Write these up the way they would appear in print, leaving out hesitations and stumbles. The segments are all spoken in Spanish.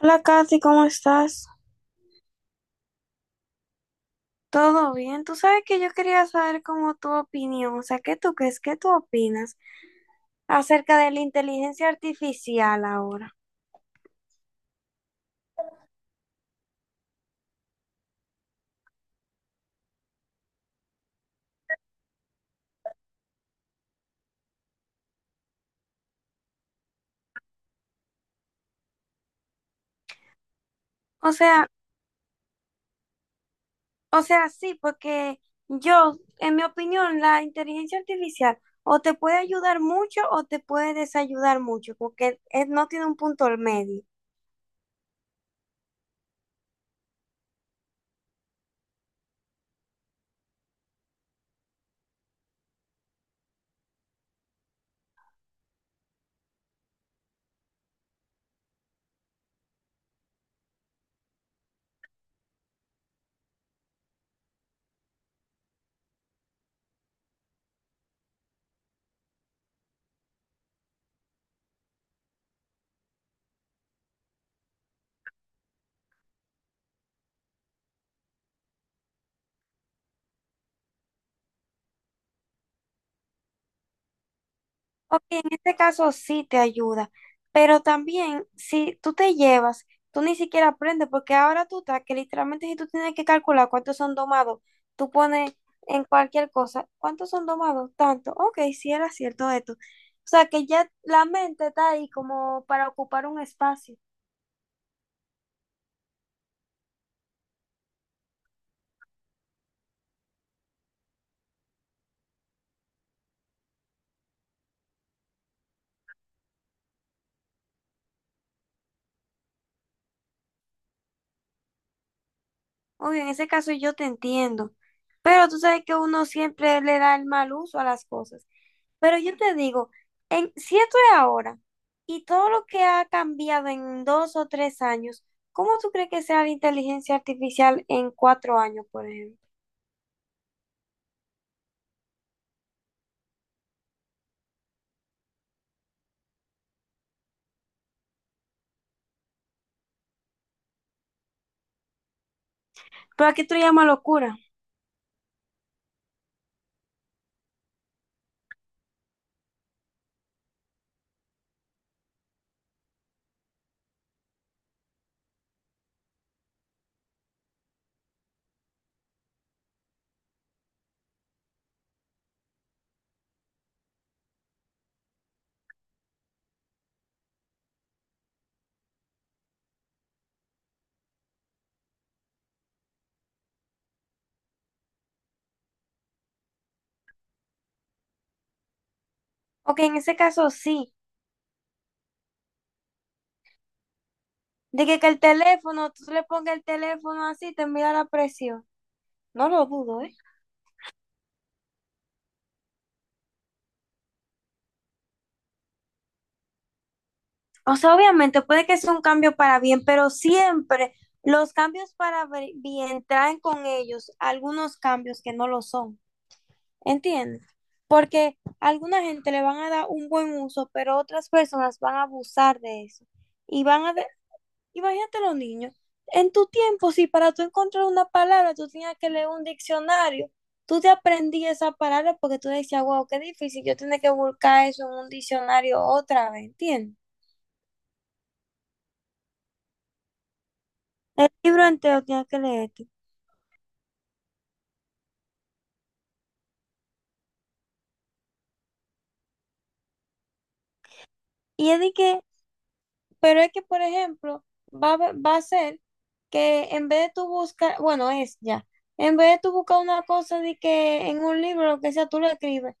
Hola Katy, ¿cómo estás? ¿Todo bien? Tú sabes que yo quería saber cómo tu opinión, o sea, ¿qué tú crees, qué tú opinas acerca de la inteligencia artificial ahora? O sea, o sea, sí, porque yo, en mi opinión, la inteligencia artificial o te puede ayudar mucho o te puede desayudar mucho, porque no tiene un punto al medio. En este caso sí te ayuda, pero también si tú te llevas, tú ni siquiera aprendes, porque ahora tú estás que literalmente si tú tienes que calcular cuántos son domados, tú pones en cualquier cosa, ¿cuántos son domados? Tanto, ok, sí era cierto esto. O sea que ya la mente está ahí como para ocupar un espacio. Obvio, en ese caso yo te entiendo, pero tú sabes que uno siempre le da el mal uso a las cosas. Pero yo te digo, en, si esto es ahora y todo lo que ha cambiado en 2 o 3 años, ¿cómo tú crees que sea la inteligencia artificial en 4 años, por ejemplo? Pero aquí tú le llamas locura. Ok, en ese caso sí, de que el teléfono, tú le pongas el teléfono así, te envía la presión. No lo dudo, ¿eh? O sea, obviamente puede que sea un cambio para bien, pero siempre los cambios para bien traen con ellos algunos cambios que no lo son, ¿entiendes? Porque a alguna gente le van a dar un buen uso, pero otras personas van a abusar de eso. Y van a... Imagínate los niños, en tu tiempo, si para tú encontrar una palabra tú tenías que leer un diccionario, tú te aprendías esa palabra porque tú decías, wow, qué difícil, yo tenía que buscar eso en un diccionario otra vez, ¿entiendes? El libro entero tienes que leerte. Y es de que, pero es que, por ejemplo, va a ser que en vez de tú buscar, bueno, es ya, en vez de tú buscar una cosa de que en un libro, lo que sea, tú lo escribes.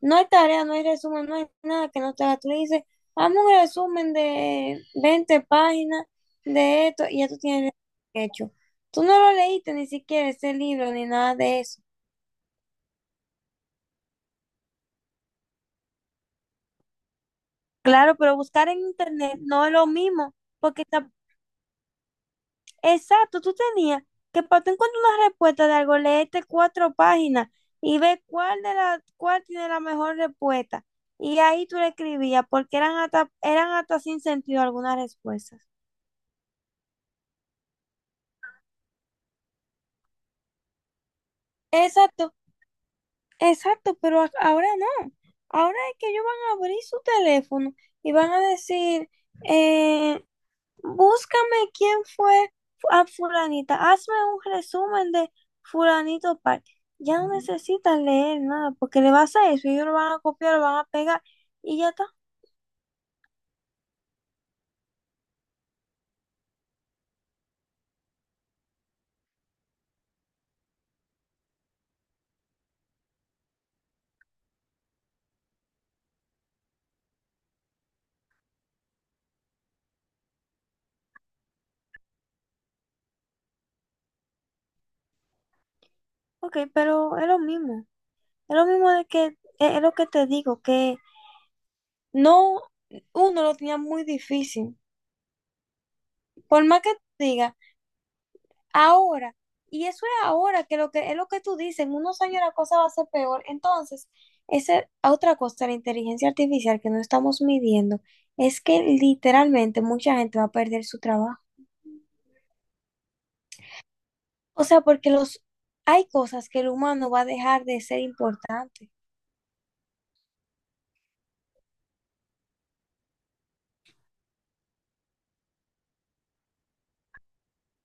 No hay tarea, no hay resumen, no hay nada que no te haga. Tú le dices, hazme un resumen de 20 páginas de esto y ya tú tienes el hecho. Tú no lo leíste ni siquiera ese libro ni nada de eso. Claro, pero buscar en internet no es lo mismo, porque exacto, tú tenías que para tú encontrar una respuesta de algo, leerte 4 páginas y ver cuál de la, cuál tiene la mejor respuesta. Y ahí tú le escribías, porque eran hasta sin sentido algunas respuestas. Exacto, exacto, pero ahora no. Ahora es que ellos van a abrir su teléfono y van a decir, eh, búscame quién fue a fulanita. Hazme un resumen de fulanito tal. Ya no necesitas leer nada porque le vas a eso. Y ellos lo van a copiar, lo van a pegar y ya está. Ok, pero es lo mismo. Es lo mismo de que, es lo que te digo, que no, uno lo tenía muy difícil. Por más que te diga. Ahora, y eso es ahora, que lo que es lo que tú dices, en unos años la cosa va a ser peor. Entonces, esa otra cosa de la inteligencia artificial que no estamos midiendo es que literalmente mucha gente va a perder su trabajo. O sea, porque los hay cosas que el humano va a dejar de ser importante.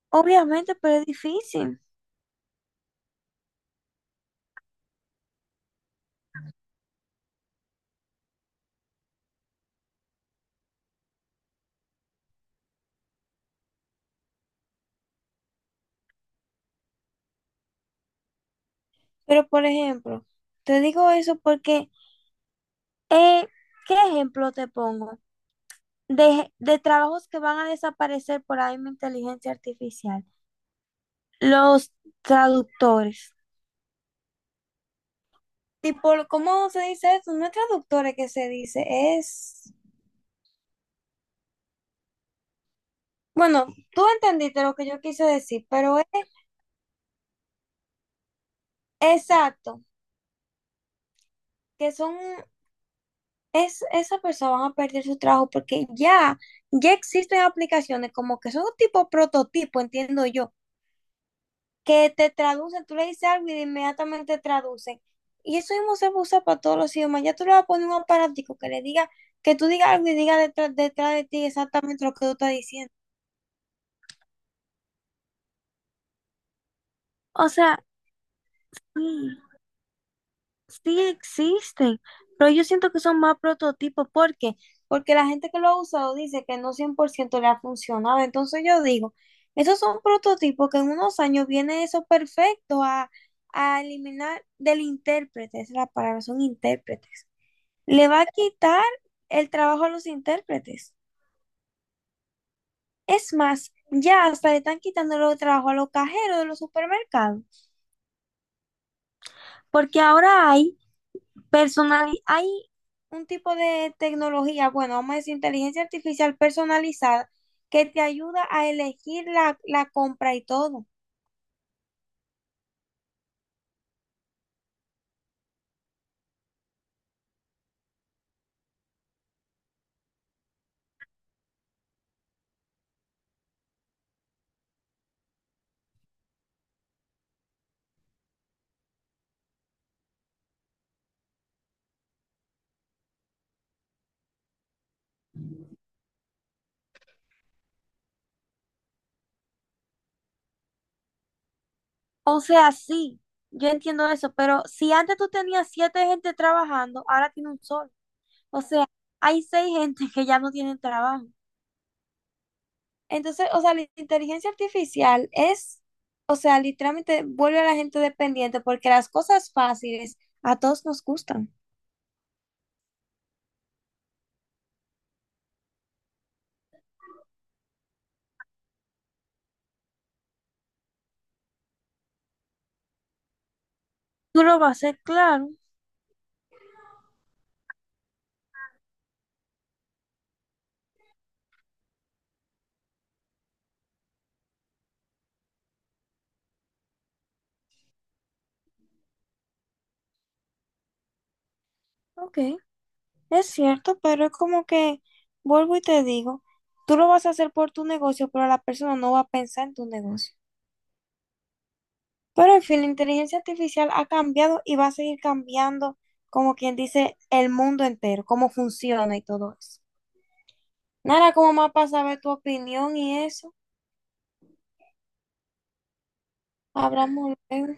Obviamente, pero es difícil. Pero, por ejemplo, te digo eso porque, eh, ¿qué ejemplo te pongo? De trabajos que van a desaparecer por ahí mi inteligencia artificial. Los traductores. Tipo, ¿cómo se dice eso? No es traductores que se dice, es... Bueno, tú entendiste lo que yo quise decir, pero es exacto, que son... Es, esas personas van a perder su trabajo porque ya, ya existen aplicaciones como que son un tipo prototipo, entiendo yo, que te traducen, tú le dices algo y inmediatamente traducen. Y eso mismo se usa para todos los idiomas. Ya tú le vas a poner un aparatico que le diga, que tú digas algo y diga detrás, detrás de ti exactamente lo que tú estás diciendo. O sea, mm, sí existen, pero yo siento que son más prototipos. ¿Por qué? Porque la gente que lo ha usado dice que no 100% le ha funcionado. Entonces yo digo, esos son prototipos que en unos años viene eso perfecto a eliminar del intérprete. Esa es la palabra, son intérpretes. Le va a quitar el trabajo a los intérpretes. Es más, ya hasta le están quitando el trabajo a los cajeros de los supermercados, porque ahora hay personal, hay un tipo de tecnología, bueno, vamos a decir inteligencia artificial personalizada, que te ayuda a elegir la compra y todo. O sea, sí, yo entiendo eso, pero si antes tú tenías 7 gente trabajando, ahora tiene un solo. O sea, hay 6 gente que ya no tienen trabajo. Entonces, o sea, la inteligencia artificial es, o sea, literalmente vuelve a la gente dependiente porque las cosas fáciles a todos nos gustan. Tú lo vas a hacer, claro. Ok. Es cierto, pero es como que, vuelvo y te digo, tú lo vas a hacer por tu negocio, pero la persona no va a pensar en tu negocio. Pero en fin, la inteligencia artificial ha cambiado y va a seguir cambiando, como quien dice, el mundo entero, cómo funciona y todo eso. Nada, como más para saber tu opinión y eso. Hablamos luego.